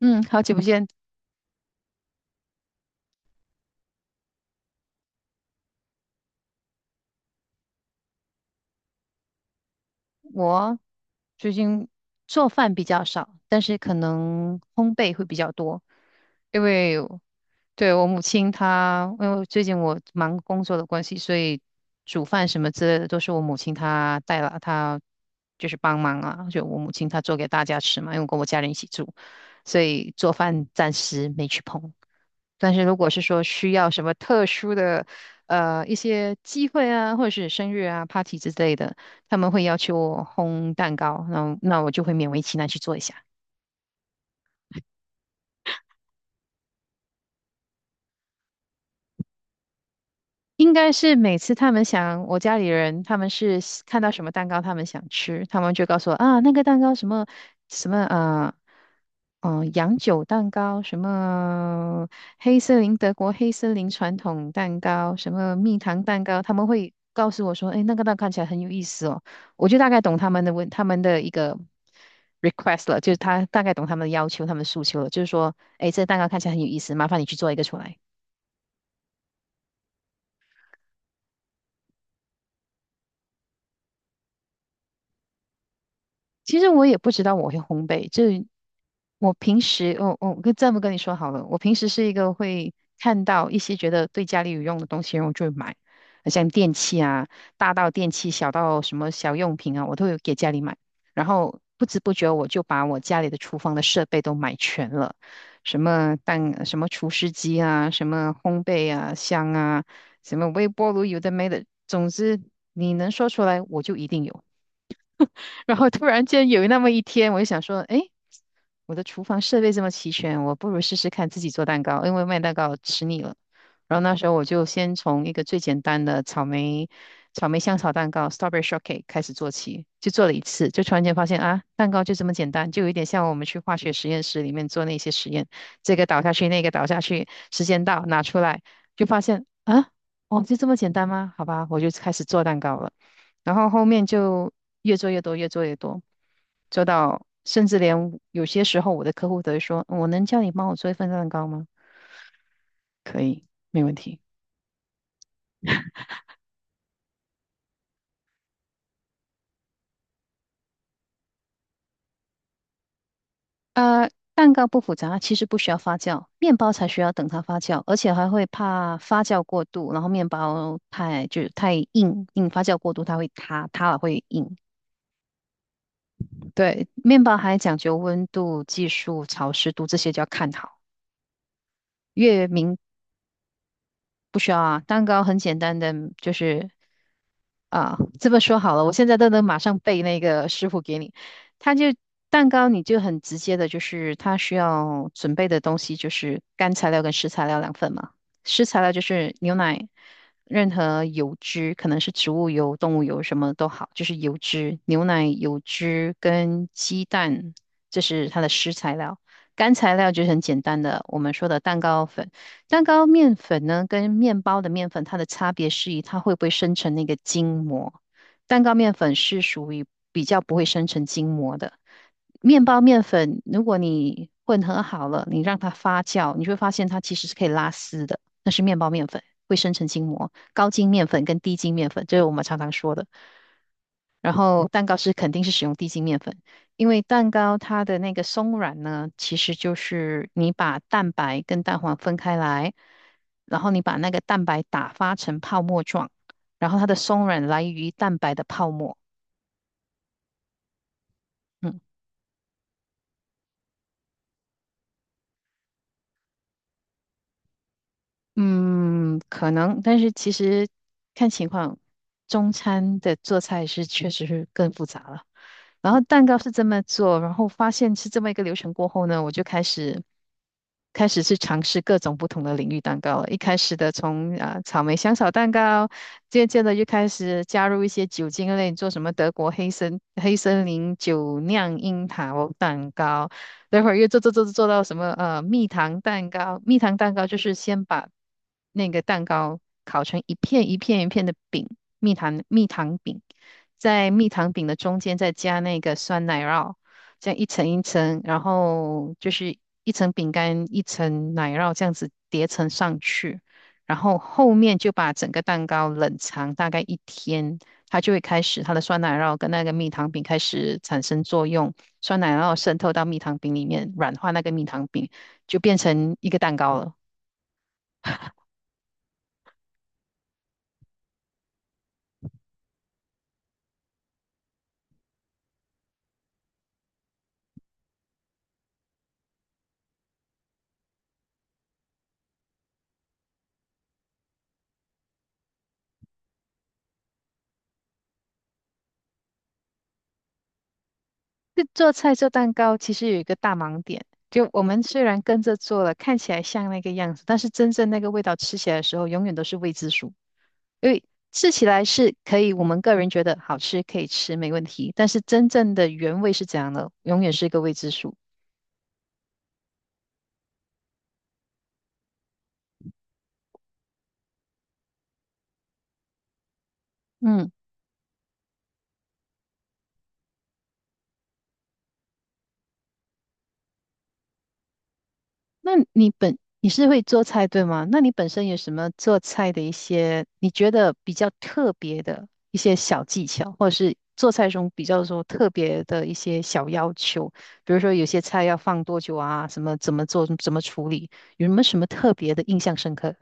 嗯，好久不见。我最近做饭比较少，但是可能烘焙会比较多，因为对我母亲她，因为最近我忙工作的关系，所以煮饭什么之类的都是我母亲她带了，她就是帮忙啊，就我母亲她做给大家吃嘛，因为我跟我家人一起住，所以做饭暂时没去碰。但是如果是说需要什么特殊的，一些机会啊，或者是生日啊、party 之类的，他们会要求我烘蛋糕，那我就会勉为其难去做一下。应该是每次他们想，我家里人他们是喜看到什么蛋糕他们想吃，他们就告诉我啊，那个蛋糕什么什么啊，洋酒蛋糕，什么黑森林德国黑森林传统蛋糕，什么蜜糖蛋糕，他们会告诉我说，哎，那个蛋看起来很有意思哦，我就大概懂他们的问他们的一个 request 了，就是他大概懂他们的要求，他们的诉求了，就是说，哎，这个蛋糕看起来很有意思，麻烦你去做一个出来。其实我也不知道我会烘焙，这我平时，我跟这么跟你说好了，我平时是一个会看到一些觉得对家里有用的东西，然后我就会买，像电器啊，大到电器，小到什么小用品啊，我都有给家里买。然后不知不觉我就把我家里的厨房的设备都买全了，什么蛋，什么厨师机啊，什么烘焙啊，箱啊，什么微波炉，有的没的，总之你能说出来，我就一定有。然后突然间有那么一天，我就想说，哎，我的厨房设备这么齐全，我不如试试看自己做蛋糕，因为卖蛋糕吃腻了。然后那时候我就先从一个最简单的草莓草莓香草蛋糕 （strawberry shortcake） 开始做起，就做了一次，就突然间发现啊，蛋糕就这么简单，就有一点像我们去化学实验室里面做那些实验，这个倒下去，那个倒下去，时间到拿出来，就发现啊，哦，就这么简单吗？好吧，我就开始做蛋糕了。然后后面就越做越多，越做越多，做到甚至连有些时候我的客户都会说：“我能叫你帮我做一份蛋糕吗？”可以，没问题。蛋糕不复杂，其实不需要发酵，面包才需要等它发酵，而且还会怕发酵过度，然后面包太就是太硬，硬发酵过度它会塌，塌了会硬。对，面包还讲究温度、技术、潮湿度这些就要看好，越明不需要啊，蛋糕很简单的，就是啊，这么说好了，我现在都能马上背那个师傅给你。他就蛋糕，你就很直接的，就是他需要准备的东西就是干材料跟湿材料两份嘛。湿材料就是牛奶，任何油脂，可能是植物油、动物油什么都好，就是油脂、牛奶、油脂跟鸡蛋，这是它的湿材料。干材料就是很简单的，我们说的蛋糕粉。蛋糕面粉呢，跟面包的面粉它的差别是于它会不会生成那个筋膜。蛋糕面粉是属于比较不会生成筋膜的。面包面粉，如果你混合好了，你让它发酵，你就会发现它其实是可以拉丝的，那是面包面粉，会生成筋膜。高筋面粉跟低筋面粉，这是我们常常说的。然后蛋糕是肯定是使用低筋面粉，因为蛋糕它的那个松软呢，其实就是你把蛋白跟蛋黄分开来，然后你把那个蛋白打发成泡沫状，然后它的松软来源于蛋白的泡沫。嗯。嗯，可能，但是其实看情况，中餐的做菜是确实是更复杂了。然后蛋糕是这么做，然后发现是这么一个流程过后呢，我就开始开始去尝试各种不同的领域蛋糕了。一开始的从啊、草莓香草蛋糕，渐渐的就开始加入一些酒精类，做什么德国黑森黑森林酒酿樱桃蛋糕，待会儿又做到什么蜜糖蛋糕，蜜糖蛋糕就是先把那个蛋糕烤成一片一片一片的饼，蜜糖蜜糖饼，在蜜糖饼的中间再加那个酸奶酪，这样一层一层，然后就是一层饼干一层奶酪这样子叠层上去，然后后面就把整个蛋糕冷藏大概一天，它就会开始它的酸奶酪跟那个蜜糖饼开始产生作用。酸奶，然后渗透到蜜糖饼里面，软化那个蜜糖饼，就变成一个蛋糕了。这做菜做蛋糕其实有一个大盲点，就我们虽然跟着做了，看起来像那个样子，但是真正那个味道吃起来的时候，永远都是未知数。因为吃起来是可以，我们个人觉得好吃，可以吃，没问题，但是真正的原味是怎样的，永远是一个未知数。嗯。那你本你是会做菜对吗？那你本身有什么做菜的一些你觉得比较特别的一些小技巧，或者做菜中比较说特别的一些小要求？比如说有些菜要放多久啊，什么怎么做，怎么处理，有没有什么特别的印象深刻？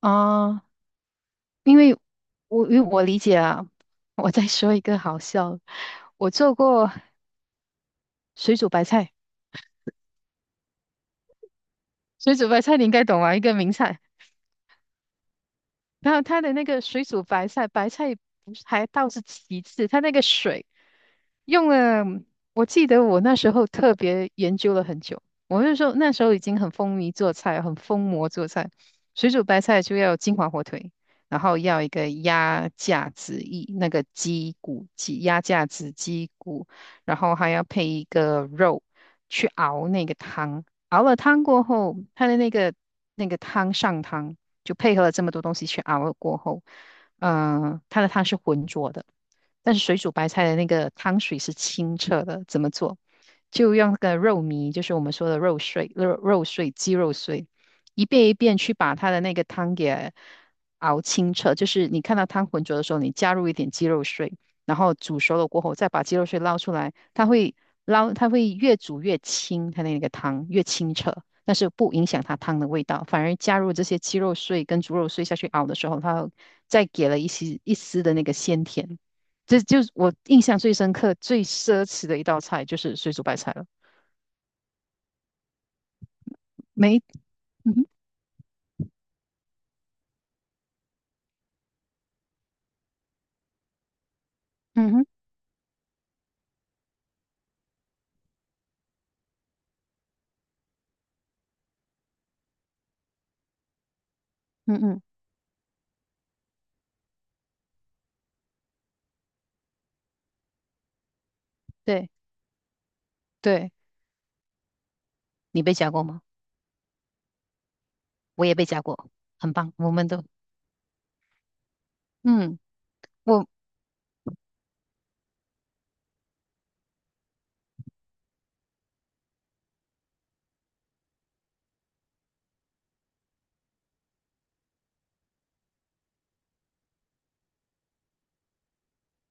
啊，因为我因为我理解啊，我再说一个好笑的我做过水煮白菜，水煮白菜你应该懂啊，一个名菜。然后它的那个水煮白菜，白菜不是还倒是其次，它那个水用了，我记得我那时候特别研究了很久。我那时候那时候已经很风靡做菜，很疯魔做菜。水煮白菜就要金华火腿，然后要一个鸭架子一那个鸡骨鸡鸭架子鸡骨，然后还要配一个肉去熬那个汤。熬了汤过后，它的那个那个汤上汤。就配合了这么多东西去熬了过后，它的汤是浑浊的，但是水煮白菜的那个汤水是清澈的。怎么做？就用那个肉糜，就是我们说的肉碎、肉肉碎、鸡肉碎，一遍一遍去把它的那个汤给熬清澈。就是你看到汤浑浊的时候，你加入一点鸡肉碎，然后煮熟了过后，再把鸡肉碎捞出来，它会捞，它会越煮越清，它那个汤越清澈。但是不影响它汤的味道，反而加入这些鸡肉碎跟猪肉碎下去熬的时候，它再给了一丝一丝的那个鲜甜。这就是我印象最深刻、最奢侈的一道菜，就是水煮白菜了。没，嗯哼，嗯哼，嗯嗯，对对，你被夹过吗？我也被夹过，很棒，我们都，嗯，我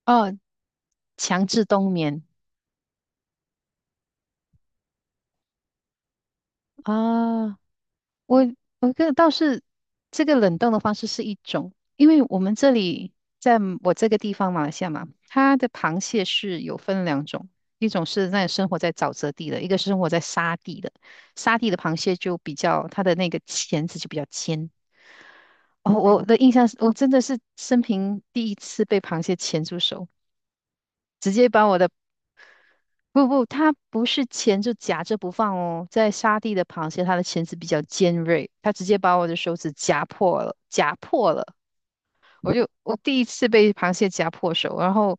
哦，强制冬眠啊。我我个倒是这个冷冻的方式是一种，因为我们这里在我这个地方马来西亚嘛，它的螃蟹是有分两种，一种是那生活在沼泽地的，一个是生活在沙地的。沙地的螃蟹就比较它的那个钳子就比较尖。哦，我的印象是我真的是生平第一次被螃蟹钳住手，直接把我的不不，它不是钳就夹着不放哦，在沙地的螃蟹，它的钳子比较尖锐，它直接把我的手指夹破了，夹破了。我就我第一次被螃蟹夹破手，然后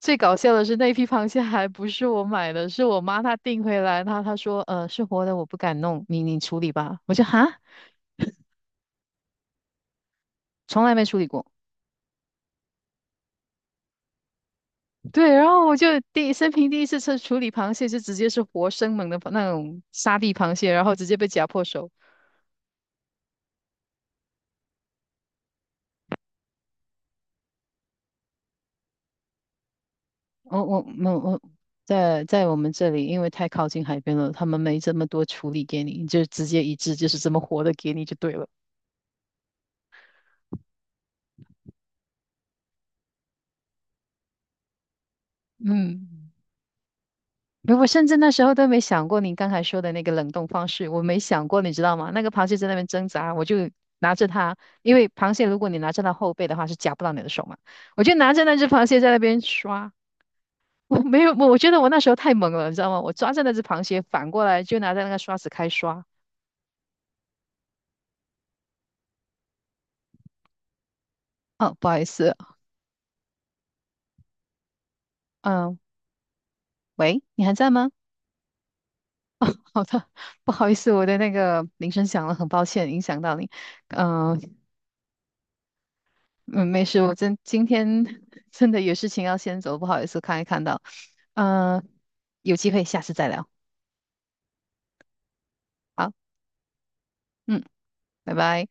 最搞笑的是那批螃蟹还不是我买的，是我妈她订回来，她说是活的，我不敢弄，你你处理吧。我就哈，从来没处理过。对，然后我就第生平第一次处处理螃蟹，就直接是活生猛的那种沙地螃蟹，然后直接被夹破手。我在在我们这里，因为太靠近海边了，他们没这么多处理给你，就直接一只就是这么活的给你就对了。嗯，我甚至那时候都没想过你刚才说的那个冷冻方式，我没想过，你知道吗？那个螃蟹在那边挣扎，我就拿着它，因为螃蟹如果你拿着它后背的话是夹不到你的手嘛，我就拿着那只螃蟹在那边刷，我没有，我我觉得我那时候太猛了，你知道吗？我抓着那只螃蟹反过来就拿着那个刷子开刷。哦，不好意思，嗯，喂，你还在吗？好的，不好意思，我的那个铃声响了，很抱歉影响到你。呃嗯、没事，我真今天 真的有事情要先走，不好意思，看一看到。呃，有机会下次再聊。好，嗯，拜拜。